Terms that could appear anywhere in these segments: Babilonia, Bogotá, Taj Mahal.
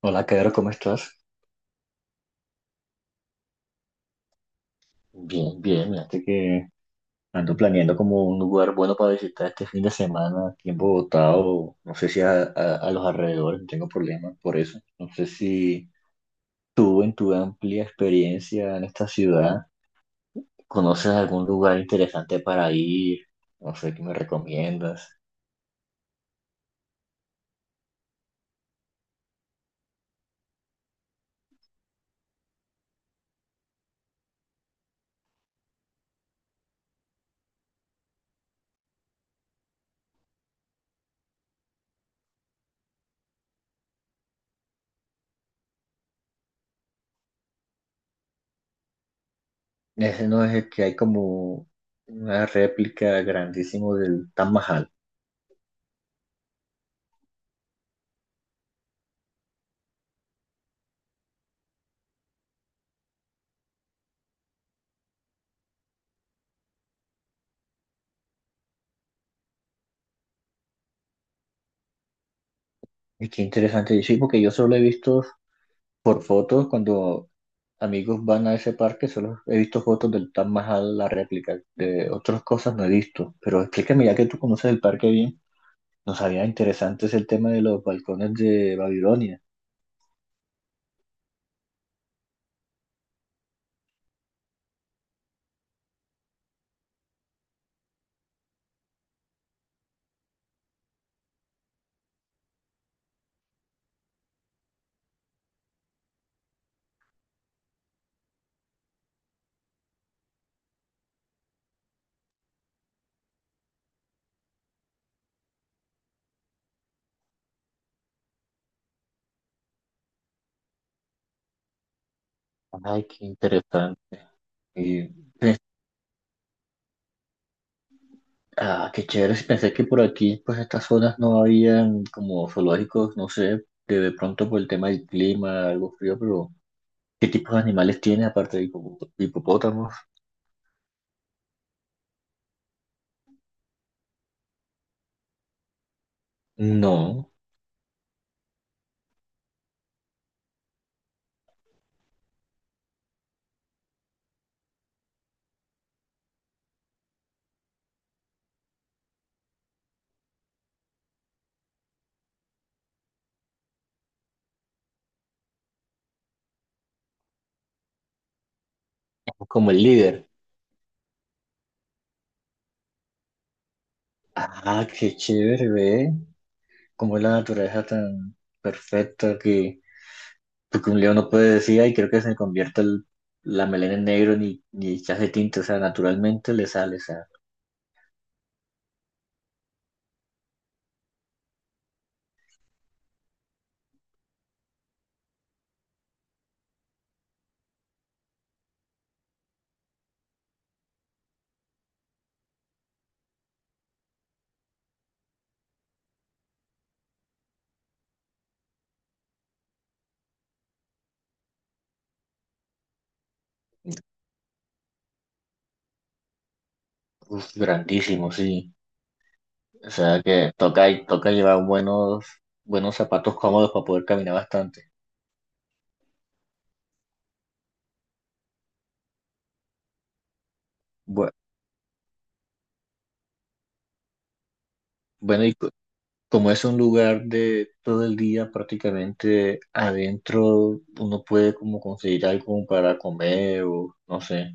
Hola, Pedro, ¿cómo estás? Bien, bien, fíjate que ando planeando como un lugar bueno para visitar este fin de semana aquí en Bogotá o no sé si a los alrededores, no tengo problema por eso. No sé si tú en tu amplia experiencia en esta ciudad conoces algún lugar interesante para ir, no sé qué me recomiendas. Ese no es el que hay como una réplica grandísimo del Taj Mahal. Y qué interesante, sí, porque yo solo he visto por fotos cuando amigos van a ese parque, solo he visto fotos del Taj Mahal, la réplica, de otras cosas no he visto, pero explícame ya que tú conoces el parque bien, nos había interesante es el tema de los balcones de Babilonia. Ay, qué interesante. Y, pues, ah, qué chévere, si pensé que por aquí, pues estas zonas no habían como zoológicos, no sé, de pronto por el tema del clima, algo frío, pero ¿qué tipos de animales tiene aparte de hipo- hipopótamos? No, como el líder. Ah, qué chévere, ve. Como es la naturaleza tan perfecta que, porque un león no puede decir, ay, creo que se me convierta el- la melena en negro, ni, ni se hace tinte, o sea, naturalmente le sale, o sea, uf, grandísimo, sí. O sea, que toca, y- toca llevar buenos, buenos zapatos cómodos para poder caminar bastante. Bue- Bueno, y co- como es un lugar de todo el día prácticamente adentro, uno puede como conseguir algo para comer o no sé.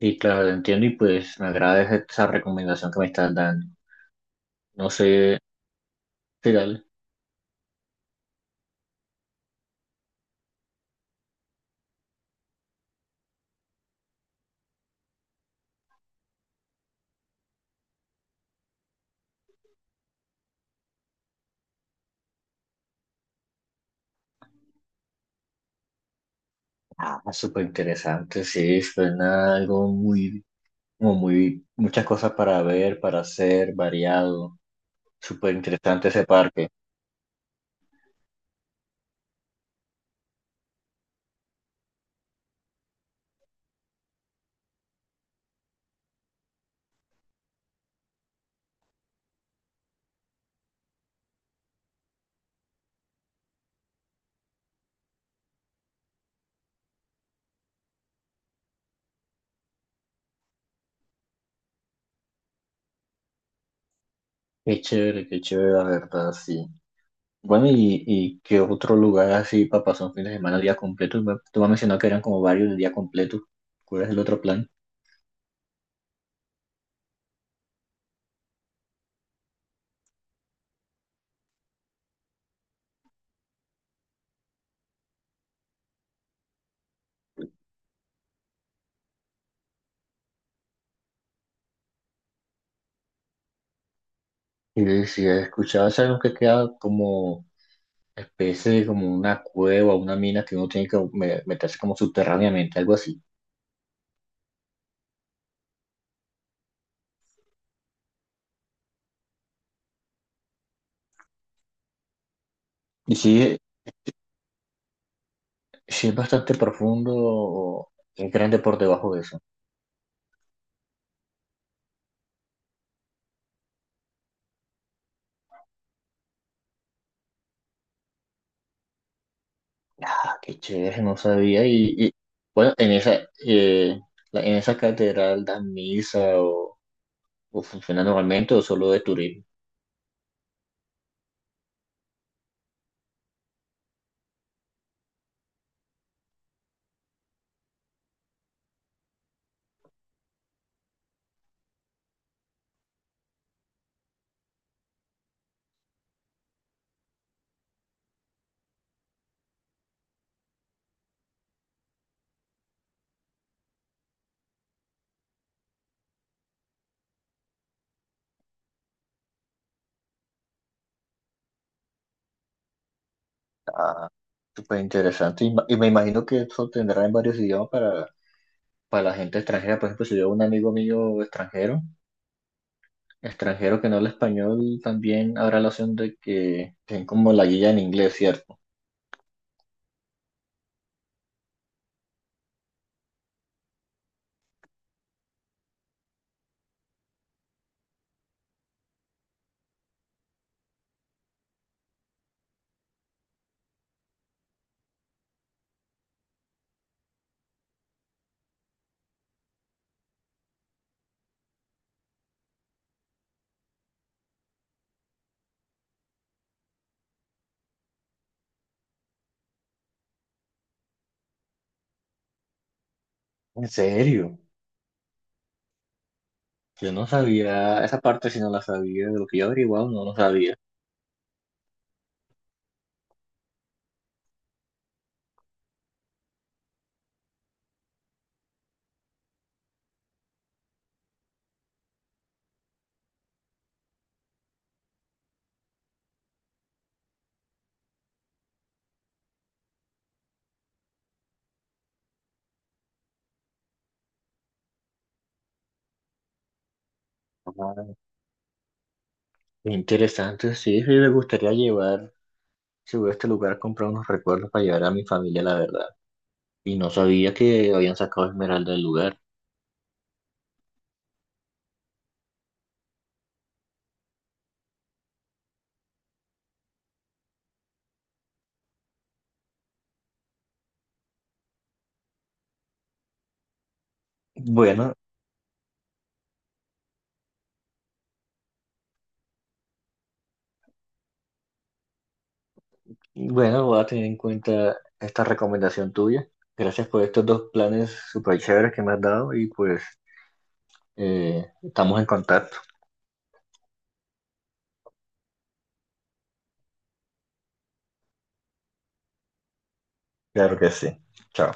Y claro, lo entiendo y pues me agrada esa recomendación que me estás dando. No sé, ¿qué tal? Ah, súper interesante, sí, suena algo muy, como muy, muchas cosas para ver, para hacer, variado. Súper interesante ese parque. Qué chévere, la verdad, sí. Bueno, ¿y qué otro lugar así para pasar un fin de semana, día completo? Me- Tú me has mencionado que eran como varios de día completo. ¿Cuál es el otro plan? Y si he escuchado, es algo que queda como especie de como una cueva, una mina que uno tiene que me- meterse como subterráneamente, algo así. Y sí, sí es bastante profundo, o es grande por debajo de eso. Ah, qué chévere, no sabía. Bueno, en esa, eh, la- en esa catedral dan misa o funciona normalmente o solo de turismo. Ah, súper interesante. Y, ma- y me imagino que eso tendrá en varios idiomas para la gente extranjera. Por ejemplo, si yo a un amigo mío extranjero. Extranjero que no habla español también habrá la opción de que den como la guía en inglés, ¿cierto? ¿En serio? Yo no sabía esa parte, si no la sabía, de lo que yo averiguado no lo sabía. Ah, qué interesante, sí, sí, me gustaría llevar, si voy a este lugar, comprar unos recuerdos para llevar a mi familia, la verdad. Y no sabía que habían sacado Esmeralda del lugar. Bueno, bueno, voy a tener en cuenta esta recomendación tuya. Gracias por estos dos planes súper chéveres que me has dado y pues estamos en contacto. Claro que sí. Chao.